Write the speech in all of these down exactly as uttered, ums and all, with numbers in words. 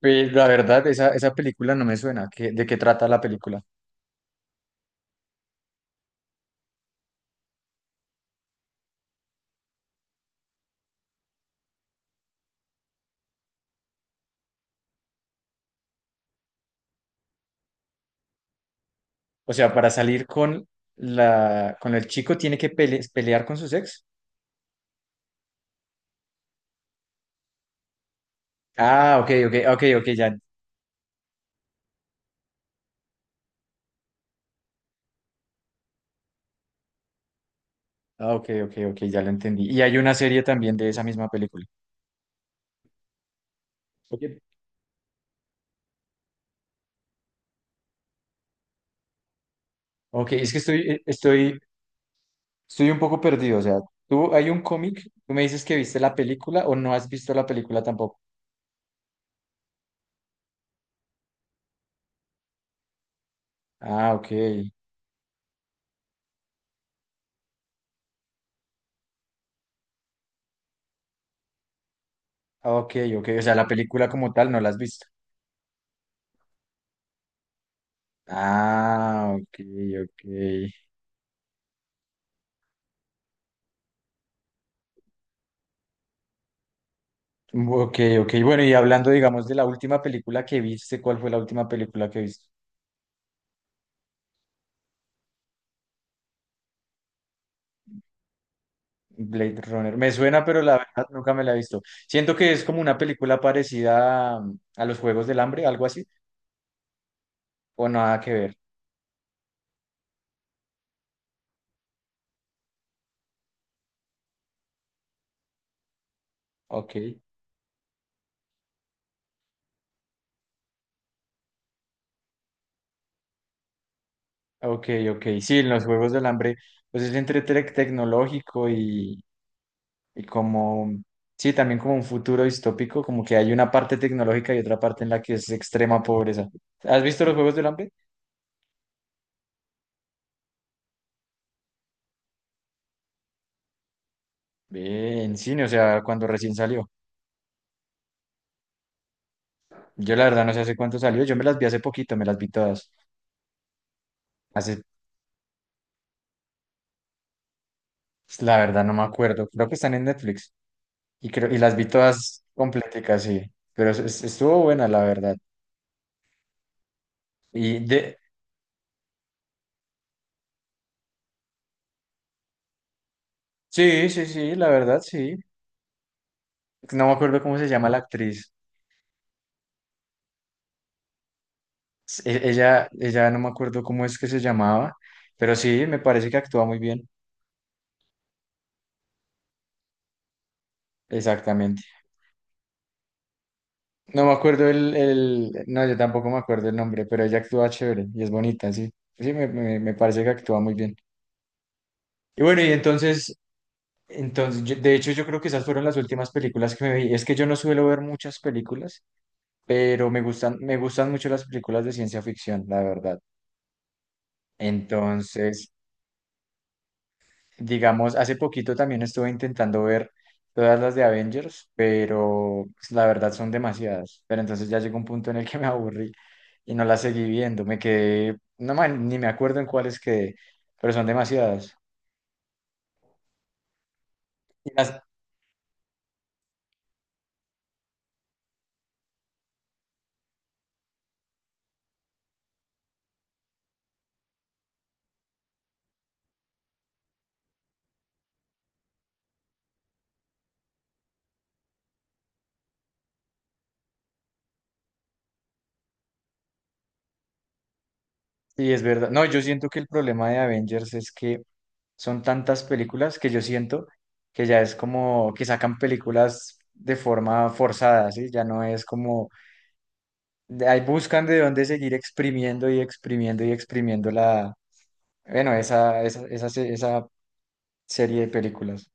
Pues, la verdad, esa, esa película no me suena. ¿Qué- De qué trata la película? O sea, para salir con la con el chico tiene que pele- pelear con su ex. Ah, ok, ok, ok, ok, ya. Ah, ok, ok, ok, ya lo entendí. Y hay una serie también de esa misma película. Ok, ok, es que estoy, eh, estoy, estoy un poco perdido. O sea, tú hay un cómic, tú me dices que viste la película o no has visto la película tampoco. Ah, ok. Ah, ok, ok. O sea, la película como tal no la has visto. Ah, ok, ok. Ok, ok. Bueno, y hablando, digamos, de la última película que viste, ¿cuál fue la última película que viste? Blade Runner. Me suena, pero la verdad nunca me la he visto. Siento que es como una película parecida a, a los Juegos del Hambre, algo así, o nada que ver. Ok, ok, ok. Sí, en los Juegos del Hambre, pues es entre tec- tecnológico y, y como, sí, también como un futuro distópico, como que hay una parte tecnológica y otra parte en la que es extrema pobreza. ¿Has visto los Juegos del Hambre? Ve, en cine, o sea, cuando recién salió. Yo la verdad no sé hace cuánto salió. Yo me las vi hace poquito, me las vi todas. Hace, la verdad no me acuerdo. Creo que están en Netflix. Y creo, y las vi todas completicas, sí. Pero es- es- estuvo buena, la verdad. Y de, sí, sí, sí, la verdad, sí. No me acuerdo cómo se llama la actriz. E- Ella, ella no me acuerdo cómo es que se llamaba, pero sí, me parece que actúa muy bien. Exactamente. No me acuerdo el, el, no, yo tampoco me acuerdo el nombre, pero ella actúa chévere y es bonita, sí. Sí, me, me me parece que actúa muy bien. Y bueno, y entonces entonces, yo- de hecho, yo creo que esas fueron las últimas películas que me vi. Es que yo no suelo ver muchas películas, pero me gustan, me gustan mucho las películas de ciencia ficción, la verdad. Entonces, digamos, hace poquito también estuve intentando ver todas las de Avengers, pero pues, la verdad son demasiadas. Pero entonces ya llegó un punto en el que me aburrí y no las seguí viendo. Me quedé, no man, ni me acuerdo en cuáles quedé, pero son demasiadas. Y las, y es verdad. No, yo siento que el problema de Avengers es que son tantas películas que yo siento que ya es como que sacan películas de forma forzada, ¿sí? Ya no es como, de- ahí buscan de dónde seguir exprimiendo y exprimiendo y exprimiendo la, bueno, esa, esa, esa, se- esa serie de películas.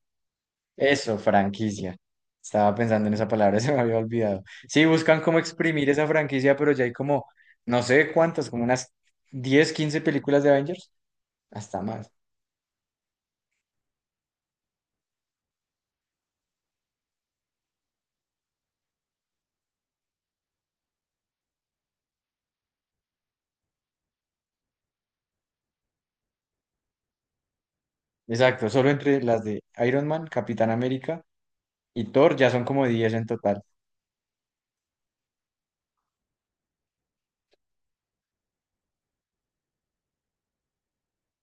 Eso, franquicia. Estaba pensando en esa palabra, se me había olvidado. Sí, buscan como exprimir esa franquicia, pero ya hay como, no sé cuántas, como unas diez quince películas de Avengers, hasta más. Exacto, solo entre las de Iron Man, Capitán América y Thor ya son como diez en total.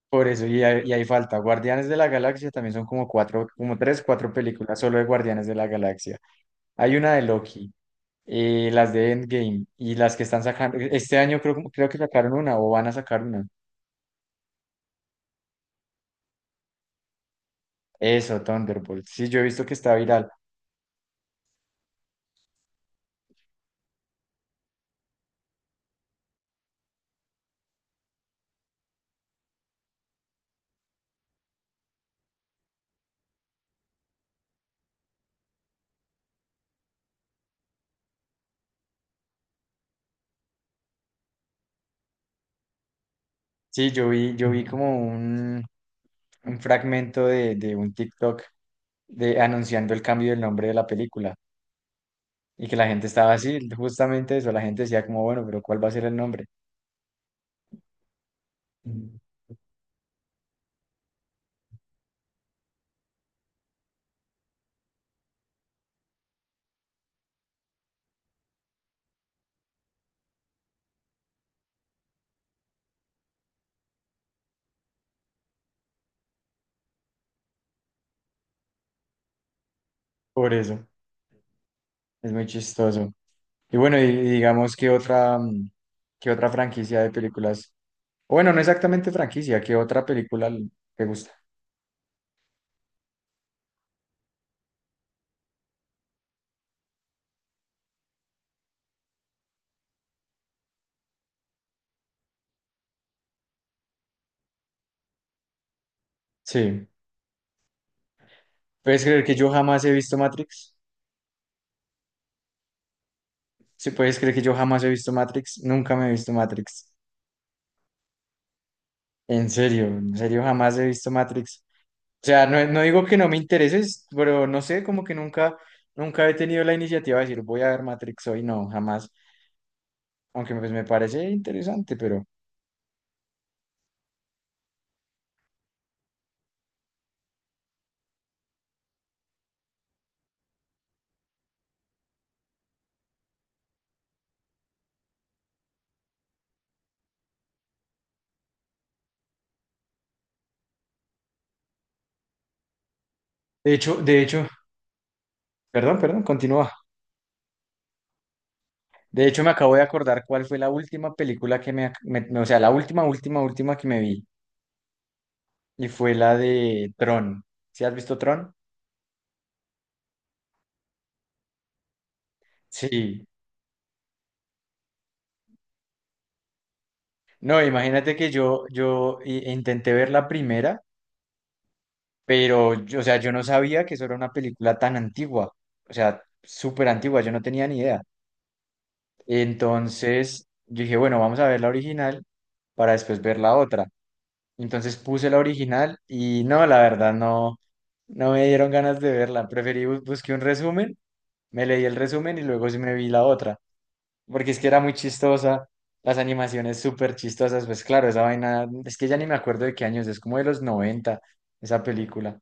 Por eso, y hay, y hay falta. Guardianes de la Galaxia también son como cuatro, como tres, cuatro películas solo de Guardianes de la Galaxia. Hay una de Loki, eh, las de Endgame y las que están sacando. Este año creo, creo que sacaron una o van a sacar una. Eso, Thunderbolt. Sí, yo he visto que está viral. Sí, yo vi, yo vi como un, un fragmento de, de un TikTok de, anunciando el cambio del nombre de la película. Y que la gente estaba así, justamente eso, la gente decía como, bueno, pero ¿cuál va a ser el nombre? Ujú. Por eso, es muy chistoso. Y bueno, y y digamos que otra, mm, qué otra franquicia de películas, o bueno, no exactamente franquicia, ¿qué otra película l- te gusta? Sí, ¿puedes creer que yo jamás he visto Matrix? Sí, ¿puedes creer que yo jamás he visto Matrix? Nunca me he visto Matrix. En serio, en serio, jamás he visto Matrix. O sea, no, no digo que no me intereses, pero no sé, como que nunca, nunca he tenido la iniciativa de decir, voy a ver Matrix hoy, no, jamás. Aunque pues me parece interesante, pero de hecho, de hecho, perdón, perdón, continúa. De hecho, me acabo de acordar cuál fue la última película que me, ac- me- me- o sea, la última, última, última que me vi, y fue la de Tron. ¿Sí has visto Tron? Sí. No, imagínate que yo, yo i- intenté ver la primera. Pero, yo- o sea, yo no sabía que eso era una película tan antigua, o sea, súper antigua, yo no tenía ni idea. Entonces, yo dije, bueno, vamos a ver la original para después ver la otra. Entonces puse la original y no, la verdad, no, no me dieron ganas de verla. Preferí bus- busqué un resumen, me leí el resumen y luego sí me vi la otra, porque es que era muy chistosa, las animaciones súper chistosas, pues claro, esa vaina, es que ya ni me acuerdo de qué años, es como de los noventa esa película.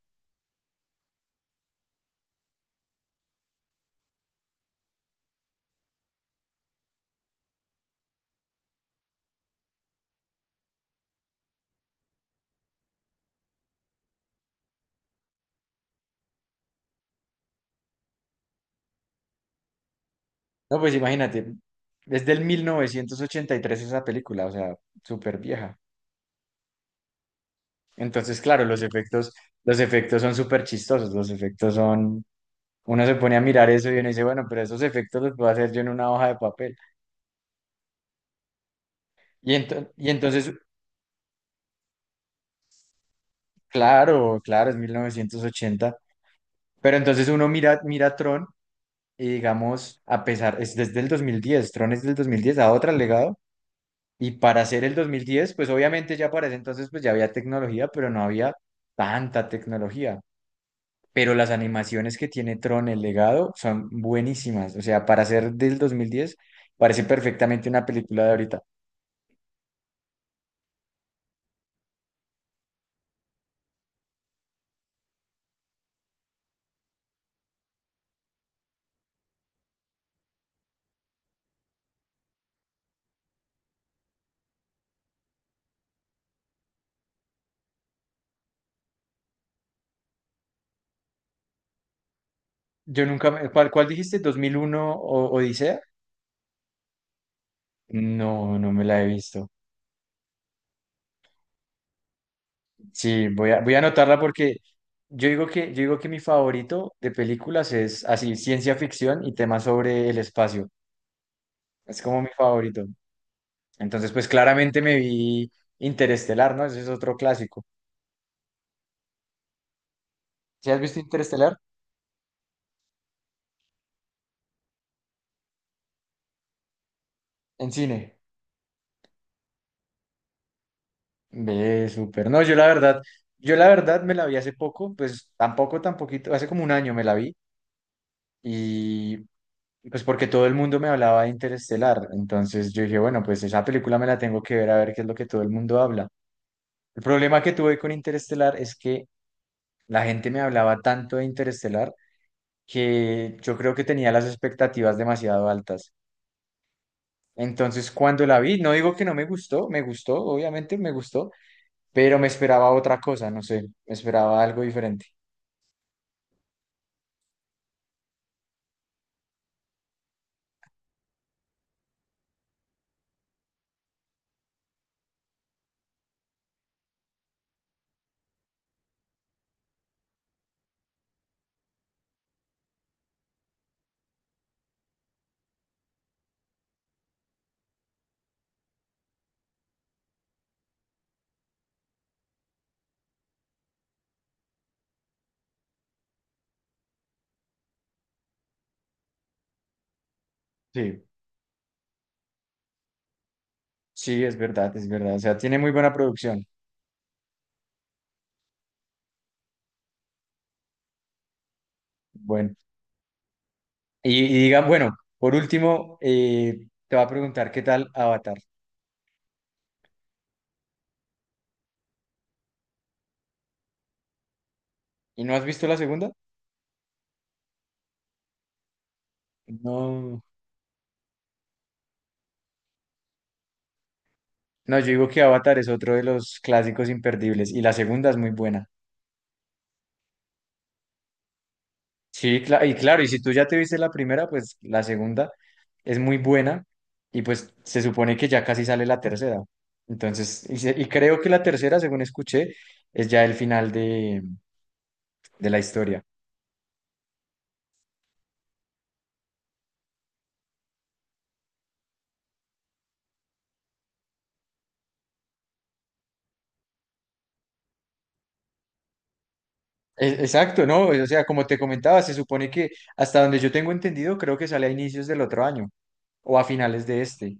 No, pues imagínate, es del mil novecientos ochenta y tres esa película, o sea, súper vieja. Entonces, claro, los efectos, los efectos son súper chistosos, los efectos son... Uno se pone a mirar eso y uno dice, bueno, pero esos efectos los puedo hacer yo en una hoja de papel. Y, ento- y entonces, claro, claro, es mil novecientos ochenta pero entonces uno mira, mira Tron y digamos, a pesar, es desde el dos mil diez. Tron es del dos mil diez, a otro legado. Y para hacer el dos mil diez pues obviamente ya para ese entonces pues ya había tecnología, pero no había tanta tecnología. Pero las animaciones que tiene Tron, el legado, son buenísimas. O sea, para hacer del dos mil diez parece perfectamente una película de ahorita. Yo nunca me- ¿Cuál, cuál dijiste? ¿dos mil uno o Odisea? No, no me la he visto. Sí, voy a, voy a anotarla porque yo digo que, yo digo que mi favorito de películas es así, ciencia ficción y temas sobre el espacio. Es como mi favorito. Entonces, pues claramente me vi Interestelar, ¿no? Ese es otro clásico. ¿Sí has visto Interestelar en cine? Ve, súper. No, yo la verdad, yo la verdad me la vi hace poco, pues tampoco, tan poquito, hace como un año me la vi y pues porque todo el mundo me hablaba de Interestelar, entonces yo dije, bueno, pues esa película me la tengo que ver a ver qué es lo que todo el mundo habla. El problema que tuve con Interestelar es que la gente me hablaba tanto de Interestelar que yo creo que tenía las expectativas demasiado altas. Entonces, cuando la vi, no digo que no me gustó, me gustó, obviamente me gustó, pero me esperaba otra cosa, no sé, me esperaba algo diferente. Sí, sí, es verdad, es verdad. O sea, tiene muy buena producción. Bueno, y, y digan, bueno, por último, eh, te va a preguntar qué tal Avatar. ¿Y no has visto la segunda? No, no, yo digo que Avatar es otro de los clásicos imperdibles y la segunda es muy buena. Sí, cla- y claro, y si tú ya te viste la primera, pues la segunda es muy buena y pues se supone que ya casi sale la tercera. Entonces, y, se- y creo que la tercera, según escuché, es ya el final de, de la historia. E- exacto, ¿no? O sea, como te comentaba, se supone que hasta donde yo tengo entendido, creo que sale a inicios del otro año o a finales de este.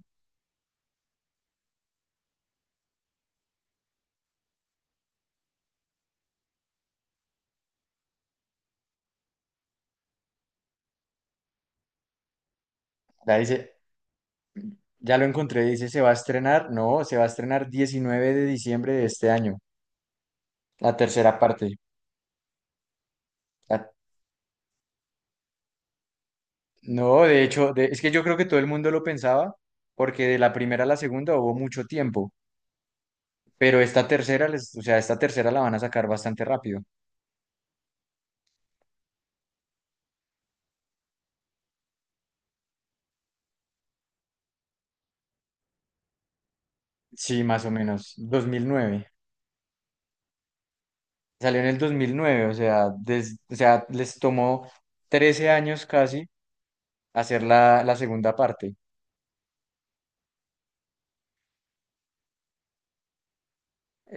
La dice, ya lo encontré, dice, se va a estrenar, no, se va a estrenar diecinueve de diciembre de este año, la tercera parte. No, de hecho, de- es que yo creo que todo el mundo lo pensaba, porque de la primera a la segunda hubo mucho tiempo, pero esta tercera, les- o sea, esta tercera la van a sacar bastante rápido. Sí, más o menos, dos mil nueve. Salió en el dos mil nueve, o sea, des- o sea, les tomó trece años casi hacer la, la segunda parte.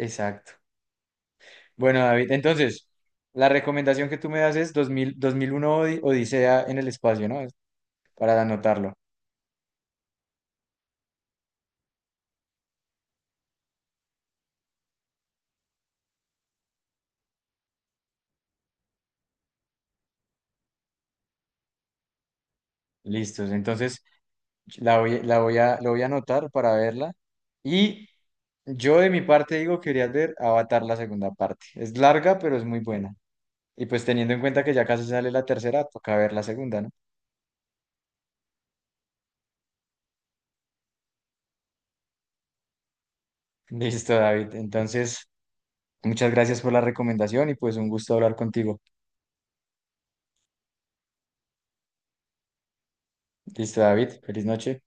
Exacto. Bueno, David, entonces, la recomendación que tú me das es dos dos mil dos mil uno Odi- Odisea en el espacio, ¿no? Para anotarlo. Listos. Entonces, la voy, la voy a, lo voy a anotar para verla. Y yo de mi parte digo que quería ver Avatar la segunda parte. Es larga, pero es muy buena. Y pues teniendo en cuenta que ya casi sale la tercera, toca ver la segunda, ¿no? Listo, David. Entonces, muchas gracias por la recomendación y pues un gusto hablar contigo. Listo, David. Feliz noche.